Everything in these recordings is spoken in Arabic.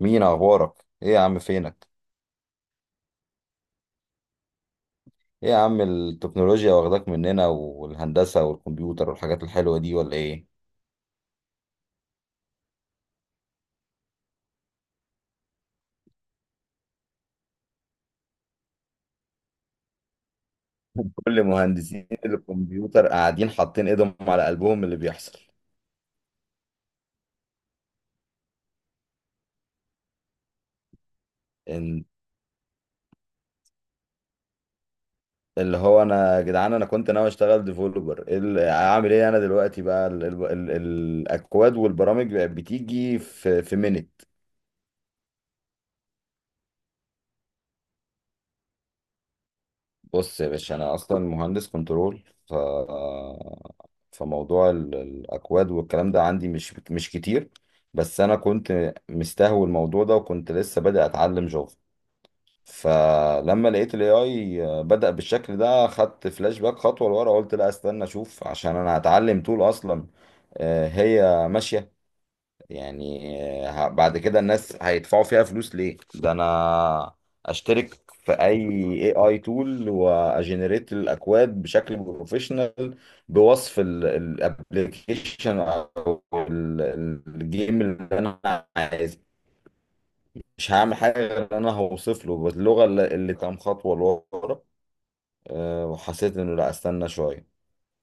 مين اخبارك، ايه يا عم فينك؟ ايه يا عم، التكنولوجيا واخداك مننا، والهندسة والكمبيوتر والحاجات الحلوة دي، ولا ايه؟ كل مهندسين الكمبيوتر قاعدين حاطين ايدهم على قلبهم من اللي بيحصل. إن اللي هو يا جدعان، انا كنت ناوي اشتغل ديفلوبر، اعمل ايه؟ انا دلوقتي بقى ال ال ال الاكواد والبرامج بقت بتيجي في minute. بص يا باشا، انا اصلا مهندس كنترول، فموضوع الاكواد والكلام ده عندي مش كتير. بس انا كنت مستهوي الموضوع ده، وكنت لسه بادئ اتعلم جافا. فلما لقيت الاي اي بدأ بالشكل ده، خدت فلاش باك خطوه لورا، قلت لا، استنى اشوف، عشان انا هتعلم طول اصلا. هي ماشيه يعني. بعد كده الناس هيدفعوا فيها فلوس ليه؟ ده انا اشترك في اي اي تول واجنريت الاكواد بشكل بروفيشنال، بوصف الابلكيشن او الجيم اللي انا عايزه. مش هعمل حاجه غير ان انا هوصف له باللغه اللي كام خطوه لورا. وحسيت انه لا، استنى شويه.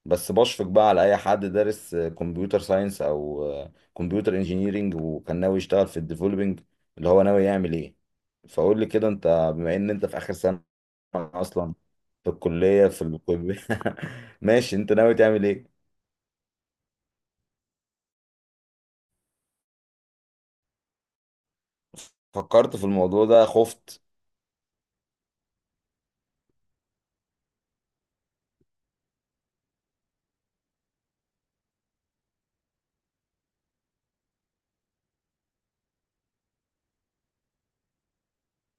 بس بشفق بقى على اي حد دارس كمبيوتر ساينس او كمبيوتر انجينيرينج وكان ناوي يشتغل في الديفلوبينج. اللي هو ناوي يعمل ايه؟ فقول لي كده انت، بما ان انت في اخر سنة اصلا في الكلية. ماشي، انت ناوي تعمل ايه؟ فكرت في الموضوع ده، خفت.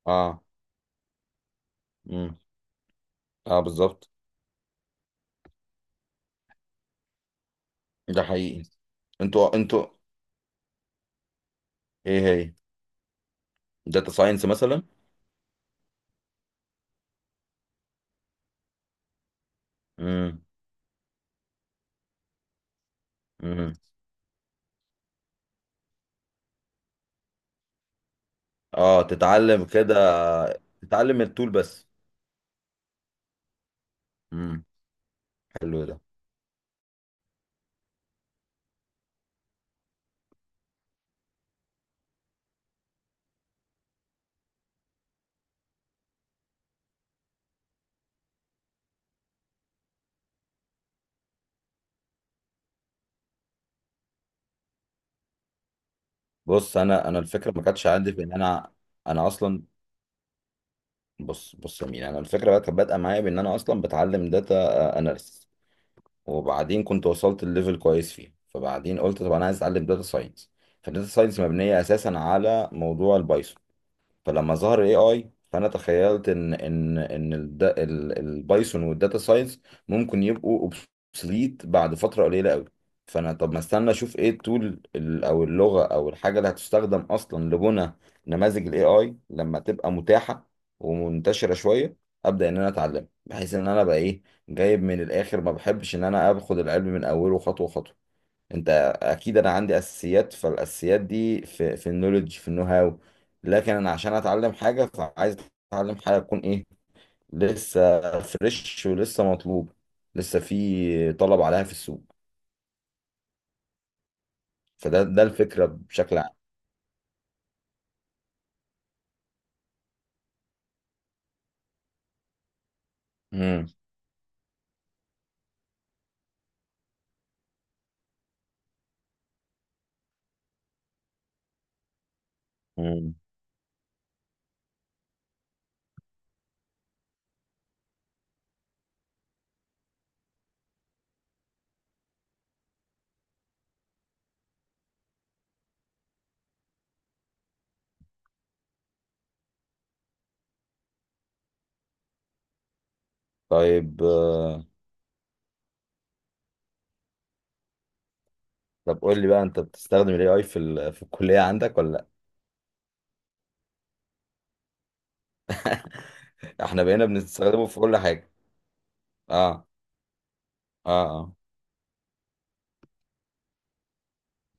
اه. امم. اه، بالظبط. ده حقيقي. انتوا ايه؟ هي داتا ساينس مثلا؟ امم. امم. اه، تتعلم كده، تتعلم التول بس. امم. حلو ده. بص، انا الفكره ما كانتش عندي في ان انا اصلا. بص بص يا مين، انا الفكره بقى كانت بادئه معايا بان انا اصلا بتعلم داتا اناليسيس. وبعدين كنت وصلت لليفل كويس فيه، فبعدين قلت طب انا عايز اتعلم داتا ساينس. فالداتا ساينس مبنيه اساسا على موضوع البايثون. فلما ظهر الاي اي، فانا تخيلت ان البايثون والداتا ساينس ممكن يبقوا اوبسليت بعد فتره قليله قوي. فانا طب ما استنى اشوف ايه التول، او اللغه او الحاجه اللي هتستخدم اصلا لبنى نماذج الاي اي لما تبقى متاحه ومنتشره شويه، ابدا ان انا اتعلم، بحيث ان انا بقى ايه، جايب من الاخر. ما بحبش ان انا اخد العلم من اوله خطوه خطوه. انت اكيد انا عندي اساسيات، فالاساسيات دي في النولج، في النو هاو. لكن انا عشان اتعلم حاجه، فعايز اتعلم حاجه تكون ايه، لسه فريش ولسه مطلوب، لسه في طلب عليها في السوق. فده الفكره بشكل عام. امم. امم. طيب. طب قول لي بقى، انت بتستخدم الاي اي في الكليه عندك، ولا؟ لا، احنا بقينا بنستخدمه في كل حاجه. اه. اه. اه.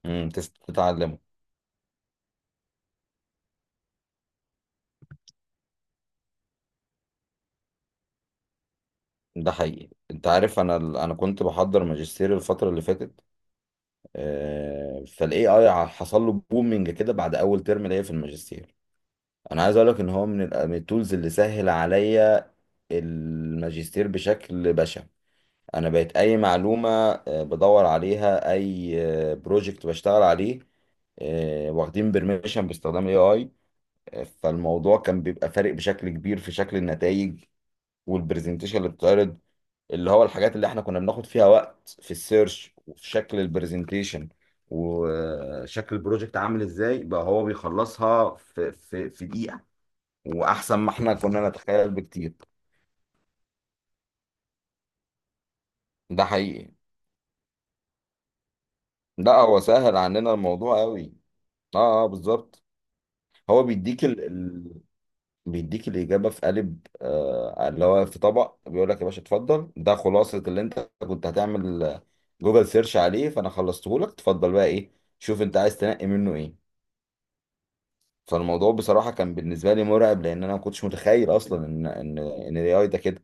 امم. تتعلمه. ده حقيقي. انت عارف، انا كنت بحضر ماجستير الفتره اللي فاتت. فالاي اي حصل له بومنج كده بعد اول ترم ليا في الماجستير. انا عايز اقول لك ان هو من من التولز اللي سهل عليا الماجستير بشكل بشع. انا بقيت اي معلومه بدور عليها، اي بروجكت بشتغل عليه واخدين بيرميشن باستخدام الاي اي. فالموضوع كان بيبقى فارق بشكل كبير في شكل النتائج والبرزنتيشن اللي بتتعرض، اللي هو الحاجات اللي احنا كنا بناخد فيها وقت في السيرش، وفي شكل البرزنتيشن وشكل البروجكت عامل ازاي، بقى هو بيخلصها في دقيقة، واحسن ما احنا كنا نتخيل بكتير. ده حقيقي. لا هو سهل عننا الموضوع قوي. اه. اه، بالظبط. هو بيديك بيديك الإجابة في قالب، اللي هو في طبق، بيقول لك يا باشا اتفضل، ده خلاصة اللي انت كنت هتعمل جوجل سيرش عليه، فانا خلصته لك. اتفضل بقى ايه، شوف انت عايز تنقي منه ايه. فالموضوع بصراحة كان بالنسبة لي مرعب، لأن أنا ما كنتش متخيل أصلا إن ال AI ده كده.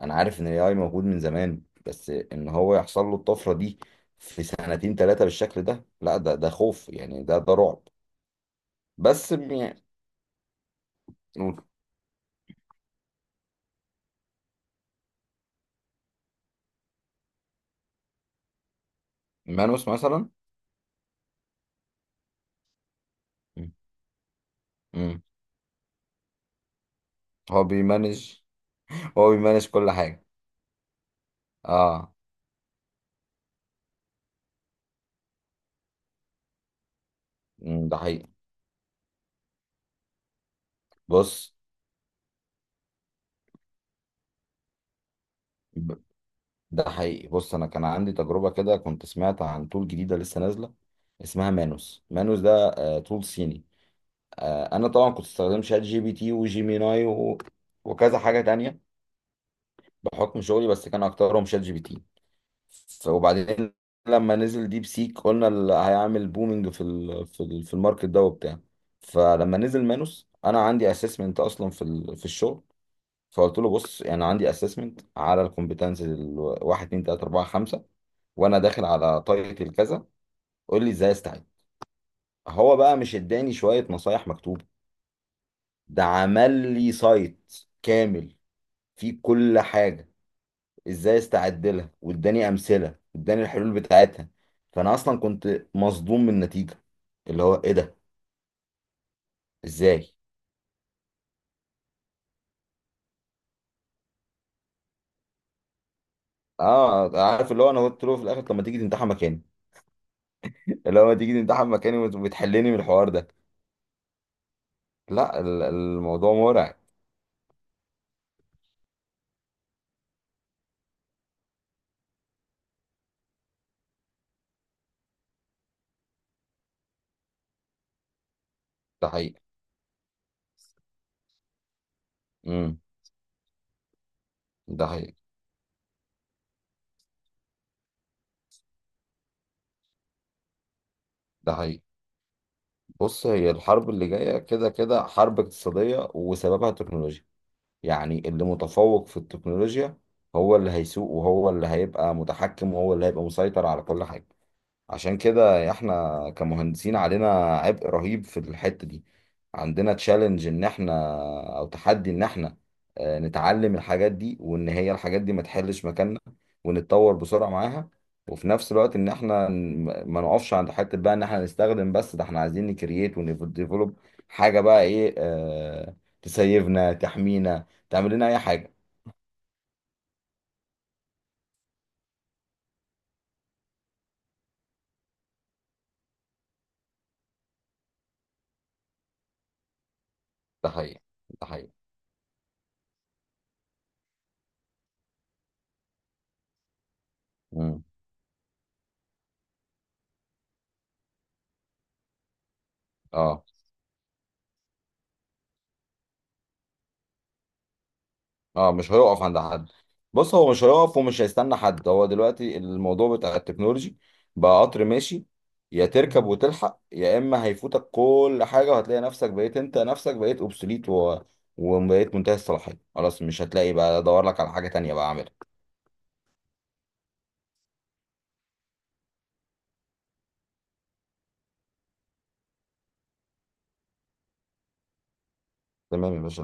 أنا عارف إن ال AI موجود من زمان، بس إن هو يحصل له الطفرة دي في سنتين ثلاثة بالشكل ده، لا، ده خوف، يعني ده رعب. بس يعني. مانوس مثلا. مم. مم. هو بيمانج هو بيمانج كل حاجة. اه. مم، ده حقيقي. بص. ب- ده حقيقي. بص، أنا كان عندي تجربة كده، كنت سمعت عن طول جديدة لسه نازلة اسمها مانوس. مانوس ده طول صيني. انا طبعا كنت استخدم شات جي بي تي وجيميناي وكذا حاجه تانية بحكم شغلي، بس كان اكترهم شات جي بي تي. وبعدين لما نزل ديب سيك، قلنا اللي هيعمل بومينج في الماركت ده وبتاع. فلما نزل مانوس، انا عندي اسسمنت اصلا في الشغل. فقلت له بص، يعني عندي اسسمنت على الكومبتنسز ال 1 2 3 4 5، وانا داخل على تايتل كذا، قول لي ازاي استعد. هو بقى مش اداني شويه نصايح مكتوبه، ده عمل لي سايت كامل فيه كل حاجة ازاي استعد لها، واداني امثلة واداني الحلول بتاعتها. فانا اصلا كنت مصدوم من النتيجة، اللي هو ايه ده، ازاي؟ اه، عارف، اللي هو انا قلت له في الاخر طب ما تيجي تمتحن مكاني، اللي هو ما تيجي تمتحن مكاني وتحلني من الحوار ده. لا، الموضوع مرعب. ده حقيقي. امم. ده حقيقي. ده حقيقي. بص، هي الحرب اللي جاية كده كده حرب اقتصادية وسببها تكنولوجيا. يعني اللي متفوق في التكنولوجيا هو اللي هيسوق، وهو اللي هيبقى متحكم، وهو اللي هيبقى مسيطر على كل حاجة. عشان كده احنا كمهندسين علينا عبء رهيب في الحتة دي، عندنا تشالنج ان احنا، او تحدي ان احنا نتعلم الحاجات دي، وان هي الحاجات دي ما تحلش مكاننا، ونتطور بسرعة معاها. وفي نفس الوقت ان احنا ما نقفش عند حتة بقى ان احنا نستخدم بس، ده احنا عايزين نكرييت ونديفلوب حاجة، بقى ايه، اه، تسيفنا، تحمينا، تعمل لنا اي حاجة. ده حقيقي. ده حقيقي. مم. اه. اه، مش هيقف عند حد. بص، هو مش هيقف ومش هيستنى حد. هو دلوقتي الموضوع بتاع التكنولوجي بقى قطر ماشي، يا تركب وتلحق، يا اما هيفوتك كل حاجه، وهتلاقي نفسك بقيت انت نفسك بقيت اوبسوليت وبقيت منتهي الصلاحيه، خلاص مش هتلاقي بقى ادور لك على حاجه تانية بقى اعملها. تمام يا باشا.